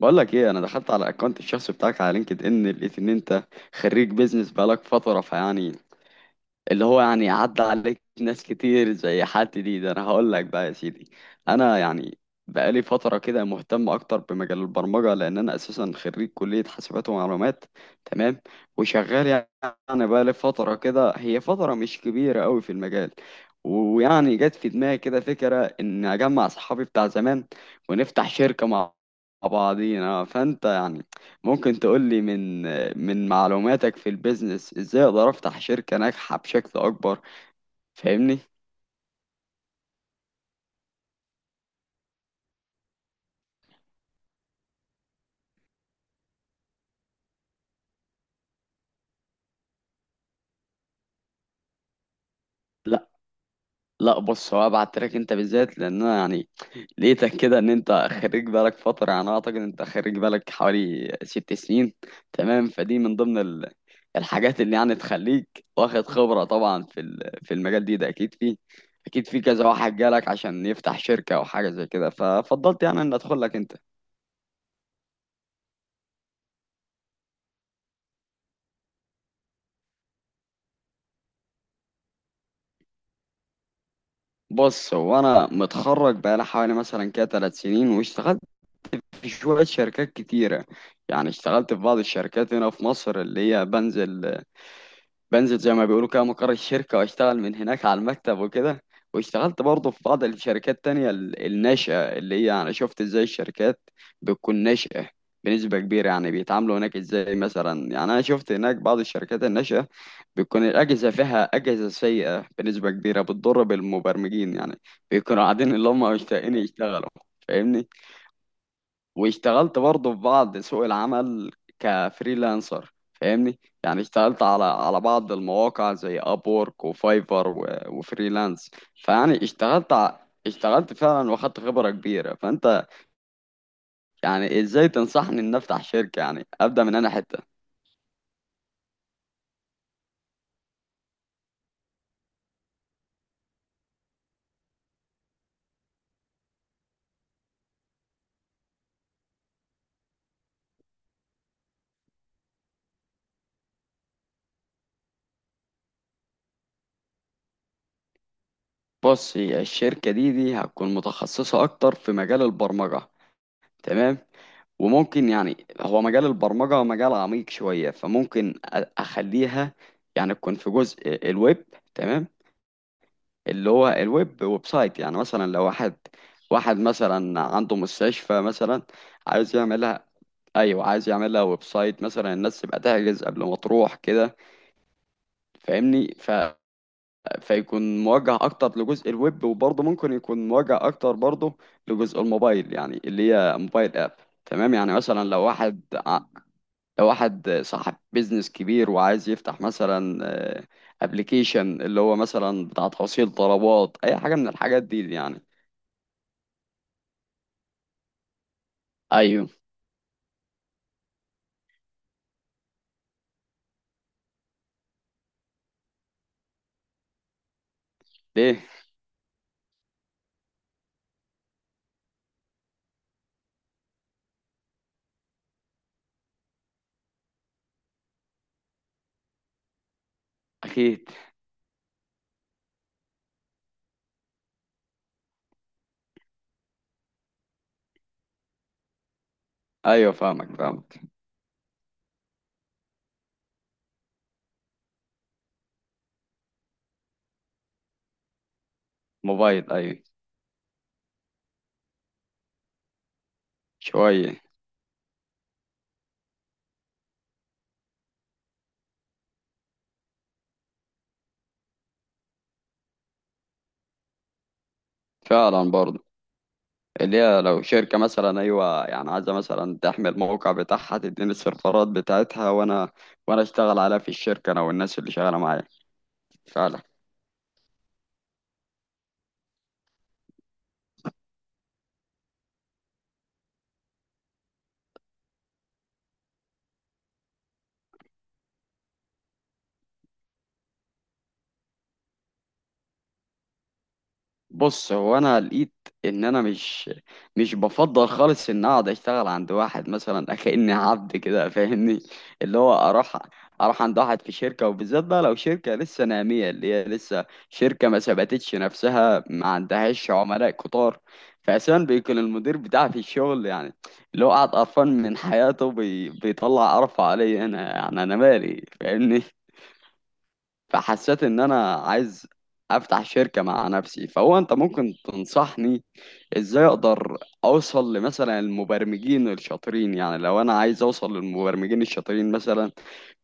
بقول لك ايه، انا دخلت على الاكونت الشخصي بتاعك على لينكد ان، لقيت ان انت خريج بيزنس بقالك فتره، فيعني اللي هو يعني عدى عليك ناس كتير زي حالتي دي. ده انا هقول لك بقى يا سيدي، انا يعني بقالي فتره كده مهتم اكتر بمجال البرمجه، لان انا اساسا خريج كليه حاسبات ومعلومات. تمام. وشغال يعني بقالي فتره كده، هي فتره مش كبيره قوي في المجال. ويعني جت في دماغي كده فكره ان اجمع صحابي بتاع زمان ونفتح شركه مع بعضينا. فانت يعني ممكن تقولي من معلوماتك في البيزنس، ازاي اقدر افتح شركة ناجحة بشكل اكبر؟ فاهمني؟ لا، لا، بص، هو ابعت لك انت بالذات لان انا يعني لقيتك كده ان انت خريج بالك فترة. يعني اعتقد انت خريج بالك حوالي 6 سنين. تمام. فدي من ضمن الحاجات اللي يعني تخليك واخد خبرة طبعا في في المجال دي ده، اكيد فيه، اكيد في كذا واحد جالك عشان يفتح شركة او حاجة زي كده. ففضلت يعني ان ادخل لك انت. بص هو انا متخرج بقالي حوالي مثلا كده 3 سنين، واشتغلت في شويه شركات كتيره. يعني اشتغلت في بعض الشركات هنا في مصر، اللي هي بنزل زي ما بيقولوا كده مقر الشركة، واشتغل من هناك على المكتب وكده. واشتغلت برضه في بعض الشركات تانية الناشئة، اللي هي أنا شفت ازاي الشركات بتكون ناشئة بنسبة كبيرة. يعني بيتعاملوا هناك ازاي، مثلا يعني أنا شفت هناك بعض الشركات الناشئة بتكون الأجهزة فيها أجهزة سيئة بنسبة كبيرة، بتضر بالمبرمجين، يعني بيكونوا قاعدين اللي هم مشتاقين يشتغلوا. فاهمني؟ واشتغلت برضه في بعض سوق العمل كفريلانسر، فاهمني؟ يعني اشتغلت على بعض المواقع زي ابورك وفايفر وفريلانس، فيعني اشتغلت فعلا واخدت خبرة كبيرة. فانت يعني ازاي تنصحني ان افتح شركة؟ يعني ابدا من انا حتة؟ بص، هي الشركة دي هتكون متخصصة اكتر في مجال البرمجة. تمام. وممكن يعني هو مجال البرمجة مجال عميق شوية، فممكن اخليها يعني تكون في جزء الويب. تمام. اللي هو الويب، ويب سايت. يعني مثلا لو واحد مثلا عنده مستشفى مثلا عايز يعملها. ايوه، عايز يعملها ويب سايت، مثلا الناس تبقى تحجز قبل ما تروح كده. فاهمني؟ فيكون موجه اكتر لجزء الويب، وبرضه ممكن يكون موجه اكتر برضه لجزء الموبايل، يعني اللي هي موبايل اب. تمام. يعني مثلا ع- لو واحد صاحب بيزنس كبير وعايز يفتح مثلا ابلكيشن، اللي هو مثلا بتاع توصيل طلبات اي حاجه من الحاجات دي يعني. ايوه. ليه؟ اكيد. ايوه، فاهمك فاهمك. موبايل، ايوه. شويه. فعلا برضه. اللي هي لو شركه مثلا ايوه، يعني عايزه مثلا تحمل الموقع بتاعها، تديني السيرفرات بتاعتها، وانا اشتغل عليها في الشركه، انا والناس اللي شغاله معايا. فعلا. بص هو انا لقيت ان انا مش بفضل خالص ان اقعد اشتغل عند واحد مثلا كأني عبد كده، فاهمني؟ اللي هو اروح عند واحد في شركه، وبالذات بقى لو شركه لسه ناميه، اللي هي لسه شركه ما ثبتتش نفسها، ما عندهاش عملاء كتار. فاساسا بيكون المدير بتاعي في الشغل، يعني اللي هو قاعد قرفان من حياته، بيطلع قرفه عليا انا، يعني انا مالي؟ فاهمني؟ فحسيت ان انا عايز افتح شركة مع نفسي. فهو انت ممكن تنصحني ازاي اقدر اوصل لمثلا المبرمجين الشاطرين؟ يعني لو انا عايز اوصل للمبرمجين الشاطرين مثلا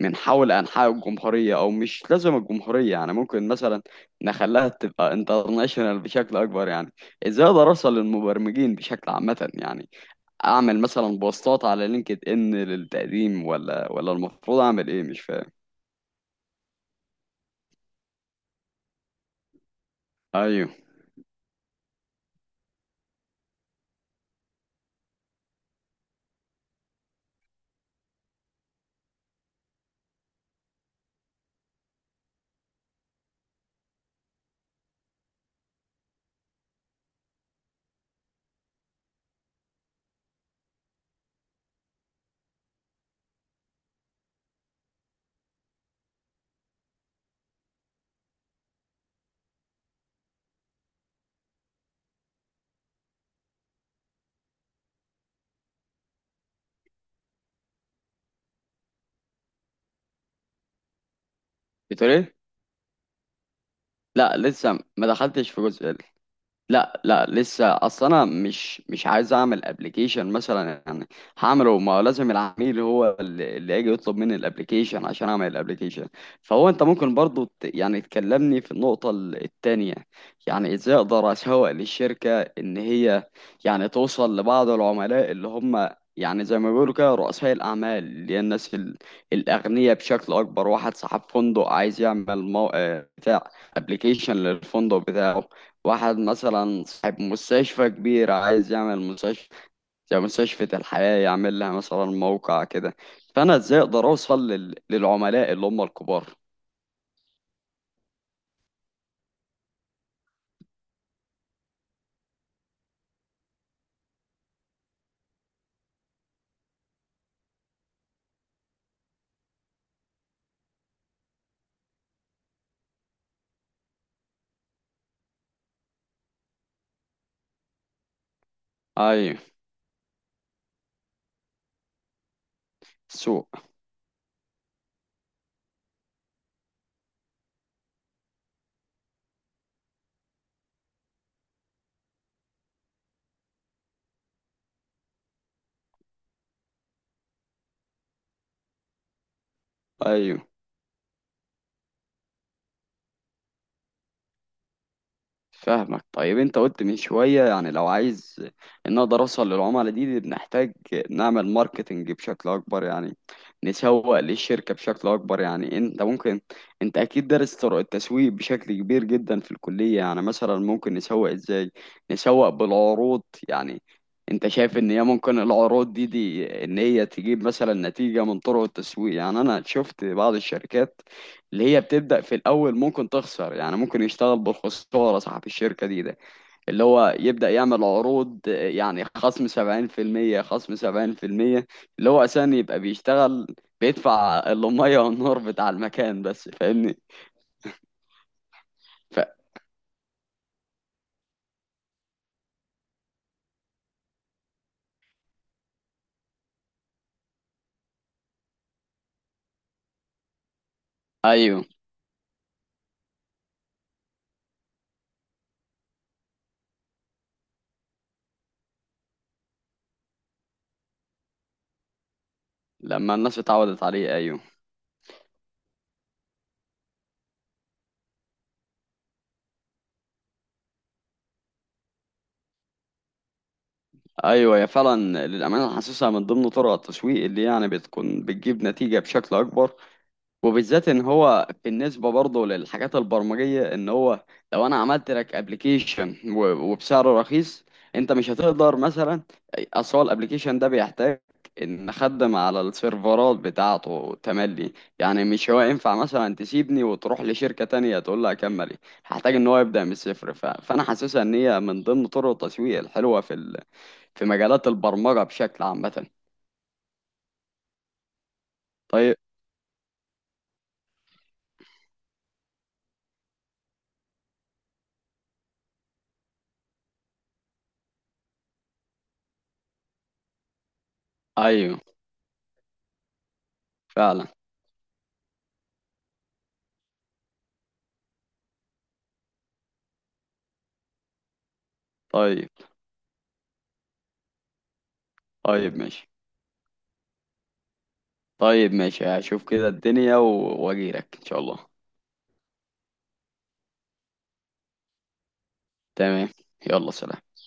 من حول انحاء الجمهورية، او مش لازم الجمهورية، يعني ممكن مثلا نخليها تبقى انترناشونال بشكل اكبر يعني. ازاي اقدر اوصل للمبرمجين بشكل عامة يعني؟ اعمل مثلا بوستات على لينكد ان للتقديم، ولا المفروض اعمل ايه؟ مش فاهم. ايوه. بتقول ايه؟ لا، لسه ما دخلتش في جزء لا، لا، لسه، اصل انا مش عايز اعمل ابلكيشن مثلا، يعني هعمله، ما هو لازم العميل هو اللي يجي يطلب مني الابلكيشن عشان اعمل الابلكيشن. فهو انت ممكن برضو يعني تكلمني في النقطة التانية. يعني ازاي اقدر اسوق للشركة ان هي يعني توصل لبعض العملاء اللي هم يعني زي ما بيقولوا كده رؤساء الأعمال، اللي هي الناس الأغنياء بشكل أكبر. واحد صاحب فندق عايز يعمل مو... آه، بتاع ابلكيشن للفندق بتاعه. واحد مثلا صاحب مستشفى كبير عايز يعمل مستشفى زي مستشفى الحياة، يعمل لها مثلا موقع كده. فأنا ازاي أقدر أوصل للعملاء اللي هم الكبار؟ أيوه. السوق. أيوه، فاهمك. طيب، انت قلت من شوية يعني لو عايز ان اقدر اوصل للعملاء دي، بنحتاج نعمل ماركتنج بشكل اكبر يعني، نسوق للشركة بشكل اكبر يعني. انت ممكن، انت اكيد دارس طرق التسويق بشكل كبير جدا في الكلية يعني، مثلا ممكن نسوق ازاي؟ نسوق بالعروض يعني. انت شايف ان هي ممكن العروض دي ان هي تجيب مثلا نتيجة من طرق التسويق؟ يعني انا شفت بعض الشركات اللي هي بتبدأ في الأول ممكن تخسر، يعني ممكن يشتغل بالخسارة صاحب الشركة دي ده، اللي هو يبدأ يعمل عروض، يعني خصم 70% خصم 70%، اللي هو أساسا يبقى بيشتغل بيدفع المية والنور بتاع المكان بس، فاهمني؟ ف... أيوه، لما الناس اتعودت عليه. أيوه أيوه يا، فعلا، للأمانة حاسسها من ضمن طرق التسويق اللي يعني بتكون بتجيب نتيجة بشكل أكبر، وبالذات ان هو بالنسبه برضه للحاجات البرمجيه، ان هو لو انا عملت لك ابلكيشن وبسعر رخيص، انت مش هتقدر مثلا، اصل هو الابلكيشن ده بيحتاج ان اخدم على السيرفرات بتاعته تملي، يعني مش هو ينفع مثلا تسيبني وتروح لشركه تانية تقول لها كملي، هحتاج ان هو يبدا من الصفر. فانا حاسسها ان هي من ضمن طرق التسويق الحلوه في في مجالات البرمجه بشكل عامه. طيب. ايوه فعلا. طيب. طيب ماشي. طيب ماشي، هشوف كده الدنيا واجيلك ان شاء الله. تمام. يلا سلام.